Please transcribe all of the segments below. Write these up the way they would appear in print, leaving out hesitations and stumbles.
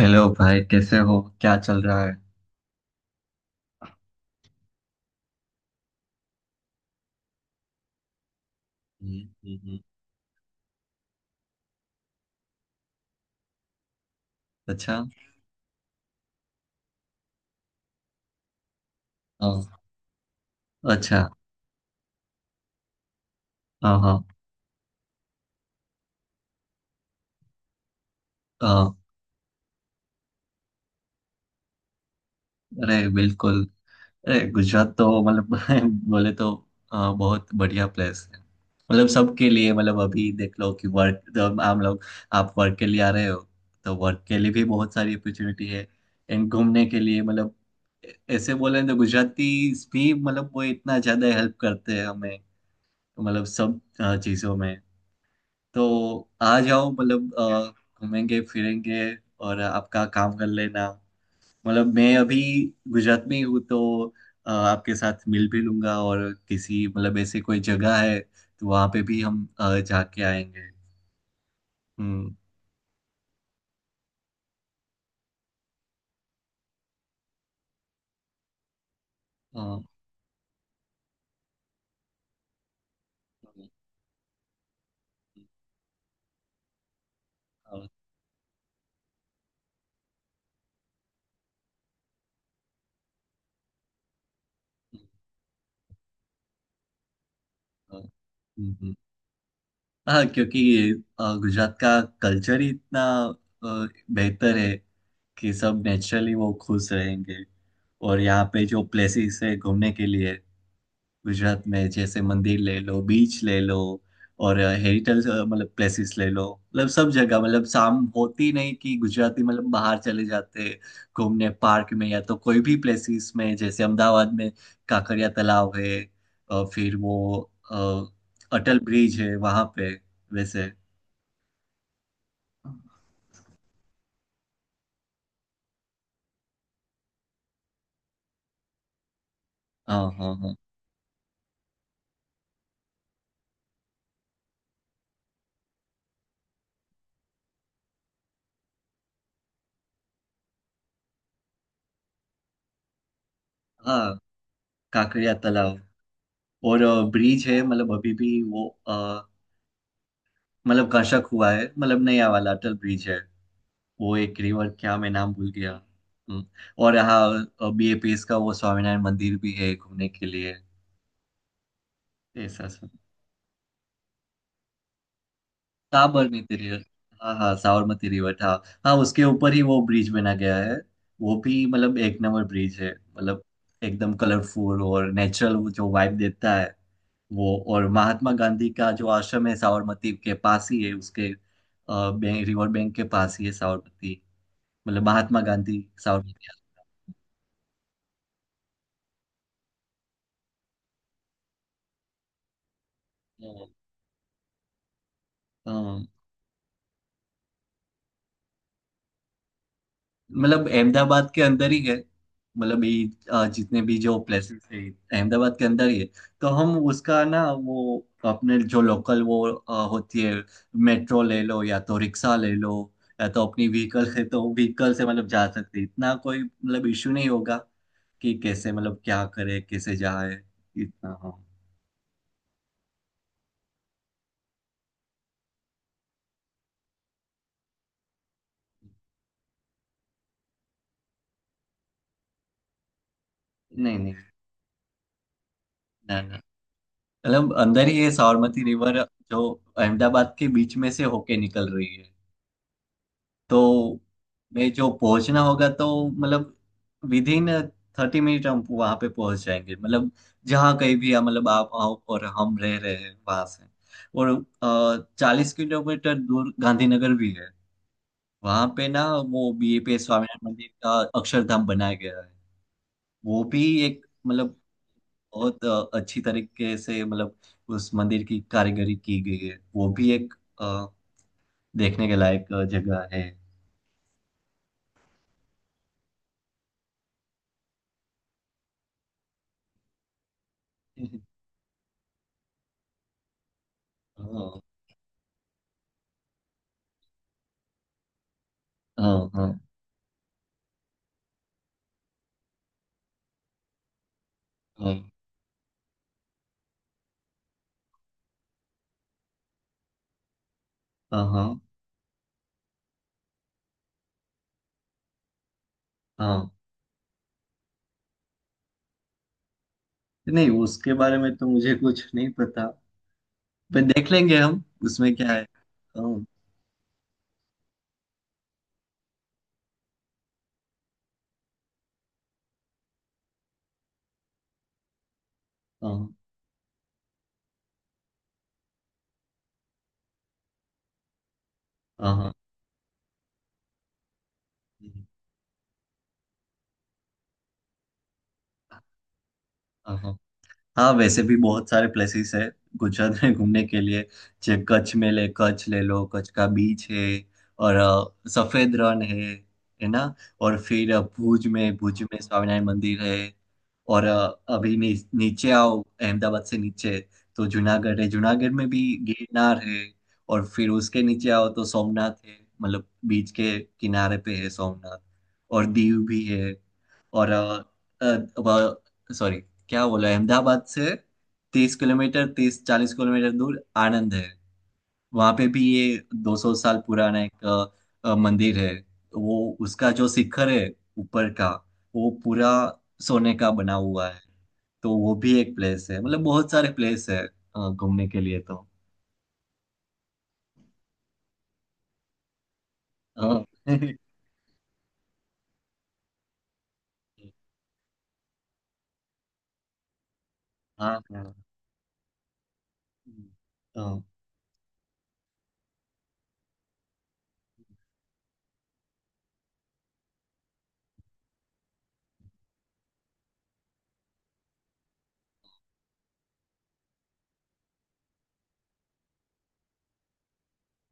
Hello भाई, कैसे हो? क्या चल रहा है? हम्म, हम्म, हम्म। अच्छा। हाँ। अच्छा। हाँ, हाँ। हाँ, अरे बिल्कुल। अरे गुजरात तो मतलब बोले तो हाँ, बहुत बढ़िया प्लेस है। मतलब सबके लिए, मतलब अभी देख लो कि वर्क, जब हम लोग, आप वर्क के लिए आ रहे हो, तो वर्क के लिए भी बहुत सारी अपॉर्चुनिटी है। एंड घूमने के लिए मतलब ऐ- ऐसे बोले तो गुजराती भी मतलब वो इतना ज्यादा हेल्प करते हैं हमें, मतलब सब चीजों में। तो आ जाओ, मतलब घूमेंगे फिरेंगे और आपका काम कर लेना। मतलब मैं अभी गुजरात में ही हूँ, तो आपके साथ मिल भी लूंगा और किसी मतलब ऐसे कोई जगह है तो वहाँ पे भी हम जाके आएंगे। हम्म। अ, अ, अ, अ, हम्म, हाँ क्योंकि गुजरात का कल्चर ही इतना अ, बेहतर है कि सब नेचुरली वो खुश रहेंगे। और यहाँ पे जो प्लेसेस है घूमने के लिए, गुजरात में, जैसे मंदिर ले लो, बीच ले लो, और हेरिटेज मतलब प्लेसेस ले लो। मतलब सब जगह, मतलब शाम होती नहीं कि गुजराती मतलब बाहर चले जाते घूमने, पार्क में या तो कोई भी प्लेसेस में, जैसे अहमदाबाद में काकरिया तालाब है और फिर वो अटल ब्रिज है वहां पे वैसे। हाँ, हाँ, हाँ। हाँ, काकरिया तालाब और ब्रिज है। मतलब अभी भी वो मतलब कंस्ट्रक्ट हुआ है, मतलब नया वाला अटल ब्रिज है। वो एक रिवर, क्या मैं नाम भूल गया। हम्म, और यहाँ बीएपीएस का वो स्वामीनारायण मंदिर भी है घूमने के लिए, ऐसा सब। साबरमती रिवर, हाँ हाँ, साबरमती रिवर, हाँ। हाँ, उसके ऊपर ही वो ब्रिज बना गया है। वो भी मतलब एक नंबर ब्रिज है। मतलब एकदम कलरफुल और नेचुरल वो जो वाइब देता है वो। और महात्मा गांधी का जो आश्रम है, साबरमती के पास ही है, उसके रिवर बैंक के पास ही है, साबरमती, मतलब महात्मा गांधी साबरमती आश्रम। हाँ। मतलब अहमदाबाद के अंदर ही है। मतलब ये जितने भी जो प्लेसेस है, अहमदाबाद के अंदर ही है। तो हम उसका ना वो अपने जो लोकल वो होती है, मेट्रो ले लो या तो रिक्शा ले लो, या तो अपनी व्हीकल है तो व्हीकल से मतलब जा सकते हैं। इतना कोई मतलब इश्यू नहीं होगा कि कैसे, मतलब क्या करे, कैसे जाए, इतना। हाँ, नहीं नहीं। ना ना, मतलब अंदर ही ये साबरमती रिवर जो अहमदाबाद के बीच में से होके निकल रही है, तो मैं जो पहुंचना होगा तो मतलब विद इन 30 मिनट हम वहां पे पहुंच जाएंगे। मतलब जहाँ कहीं भी है, मतलब आप आओ और हम रह रहे हैं वहां से। और 40 किलोमीटर दूर गांधीनगर भी है। वहां पे ना वो बीएपी स्वामीनारायण मंदिर का अक्षरधाम बनाया गया है। वो भी एक मतलब बहुत अच्छी तरीके से मतलब उस मंदिर की कारीगरी की गई है। वो भी एक अ, देखने के लायक जगह है। हाँ, हाँ, हाँ। हाँ, हाँ, हाँ। हाँ। नहीं, उसके बारे में तो मुझे कुछ नहीं पता, पर देख लेंगे हम उसमें क्या है। हाँ। हाँ हाँ। हाँ हाँ। हाँ। हाँ वैसे भी बहुत सारे प्लेसेस है गुजरात में घूमने के लिए। जैसे कच्छ में ले, कच्छ ले लो, कच्छ का बीच है और सफेद रण है ना। और फिर भुज में, भुज में स्वामीनारायण मंदिर है। और अभी नीचे आओ अहमदाबाद से, नीचे तो जूनागढ़ है। जूनागढ़ में भी गिरनार है। और फिर उसके नीचे आओ तो सोमनाथ है, मतलब बीच के किनारे पे है सोमनाथ। और दीव भी है। और सॉरी, क्या बोला, अहमदाबाद से 30 किलोमीटर, 30-40 किलोमीटर दूर आनंद है। वहां पे भी ये 200 साल पुराना एक मंदिर है। वो उसका जो शिखर है ऊपर का, वो पूरा सोने का बना हुआ है। तो वो भी एक प्लेस है, मतलब बहुत सारे प्लेस है घूमने के लिए तो। हाँ हाँ, हाँ, हाँ,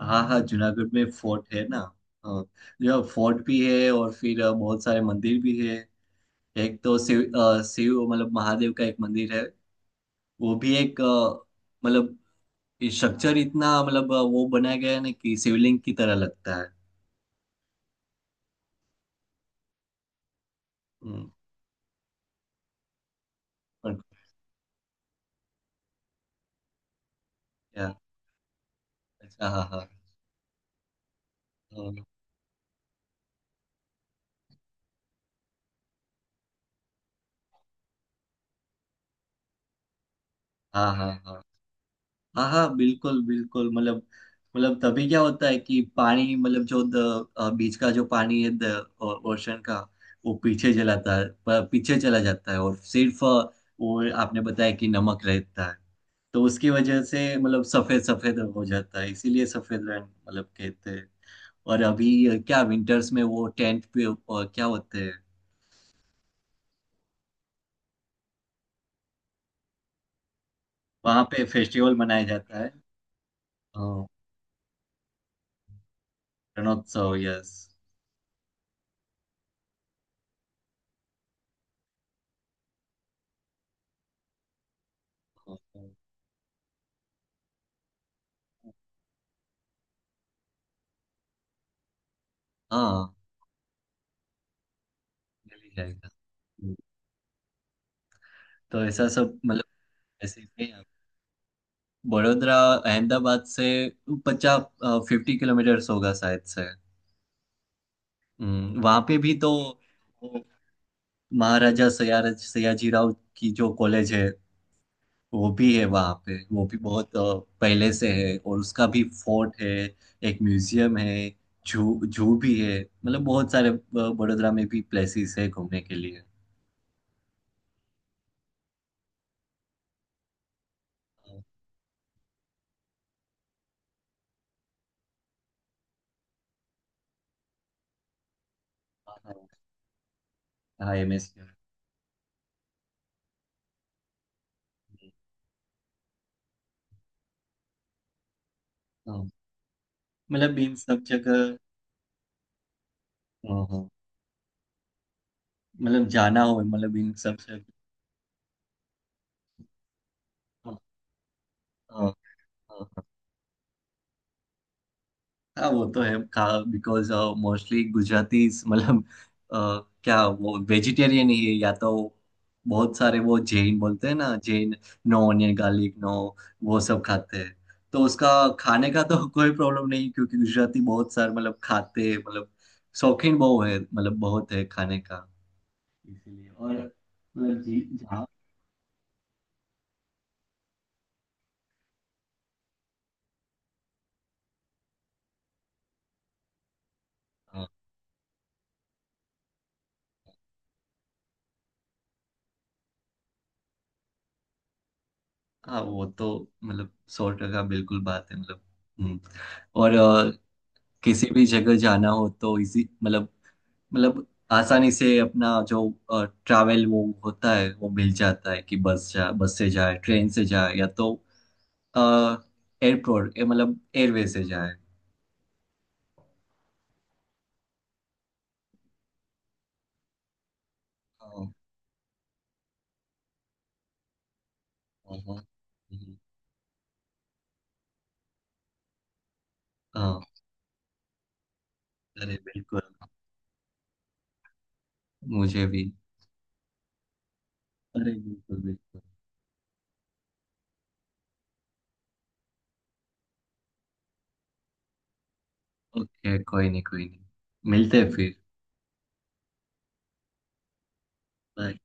हाँ। हाँ, जूनागढ़ में फोर्ट है ना। हाँ जो फोर्ट भी है और फिर बहुत सारे मंदिर भी है। एक तो शिव शिव मतलब महादेव का एक मंदिर है। वो भी एक मतलब स्ट्रक्चर इतना मतलब वो बनाया गया है ना कि शिवलिंग की तरह लगता है। हम्म, पर क्या? अच्छा, हाँ, हाँ। हाँ, हाँ, हाँ, हाँ, हाँ हाँ बिल्कुल बिल्कुल। मतलब, मतलब तभी क्या होता है कि पानी, मतलब जो बीच का जो पानी है, द ओशन का, वो पीछे चलाता है, पीछे चला जाता है, और सिर्फ वो आपने बताया कि नमक रहता है। तो उसकी वजह से मतलब सफेद सफेद हो जाता है, इसीलिए सफेद रंग मतलब कहते हैं। और अभी क्या विंटर्स में वो टेंट पे क्या होते हैं? वहां पे फेस्टिवल मनाया जाता है अ, रणोत्सव, यस। हाँ, मिल ही जाएगा तो, ऐसा सब मतलब। ऐसे ही है। बड़ोदरा अहमदाबाद से पचास, 50 किलोमीटर्स होगा शायद से। वहाँ पे भी तो वो महाराजा सयाजी, सयाजीराव की जो कॉलेज है, वो भी है वहाँ पे, वो भी बहुत पहले से है। और उसका भी फोर्ट है, एक म्यूजियम है, जू, जू भी है, मतलब बहुत सारे बड़ोदरा में भी प्लेसेस है घूमने के लिए। हाँ, हाँ, हाँ MSC। हाँ, मतलब इन सब जगह। हाँ, हाँ, मतलब जाना हो मतलब इन सब जगह। हाँ, हाँ, हाँ। हाँ, वो तो है, खा, बिकॉज मोस्टली गुजराती मतलब अ, क्या वो वेजिटेरियन ही है, या तो बहुत सारे वो जैन बोलते हैं ना, Jain, no onion garlic, no, वो सब खाते हैं। तो उसका खाने का तो कोई प्रॉब्लम नहीं, क्योंकि गुजराती बहुत सारे मतलब खाते हैं, मतलब शौकीन बहुत है, मतलब बहुत है खाने का इसीलिए। और मतलब जी जहाँ, हाँ, हाँ, वो तो मतलब 100 टका बिल्कुल बात है मतलब। हम्म। और किसी भी जगह जाना हो तो इजी, मतलब, मतलब आसानी से अपना जो ट्रैवल वो होता है, वो मिल जाता है कि बस, जा बस से जाए, ट्रेन से जाए, या तो एयरपोर्ट मतलब एयरवे से जाए। हाँ, हाँ, हाँ, हम्म, हाँ, अरे बिल्कुल, मुझे भी। अरे बिल्कुल बिल्कुल। ओके, कोई नहीं कोई नहीं, मिलते हैं फिर। बाय।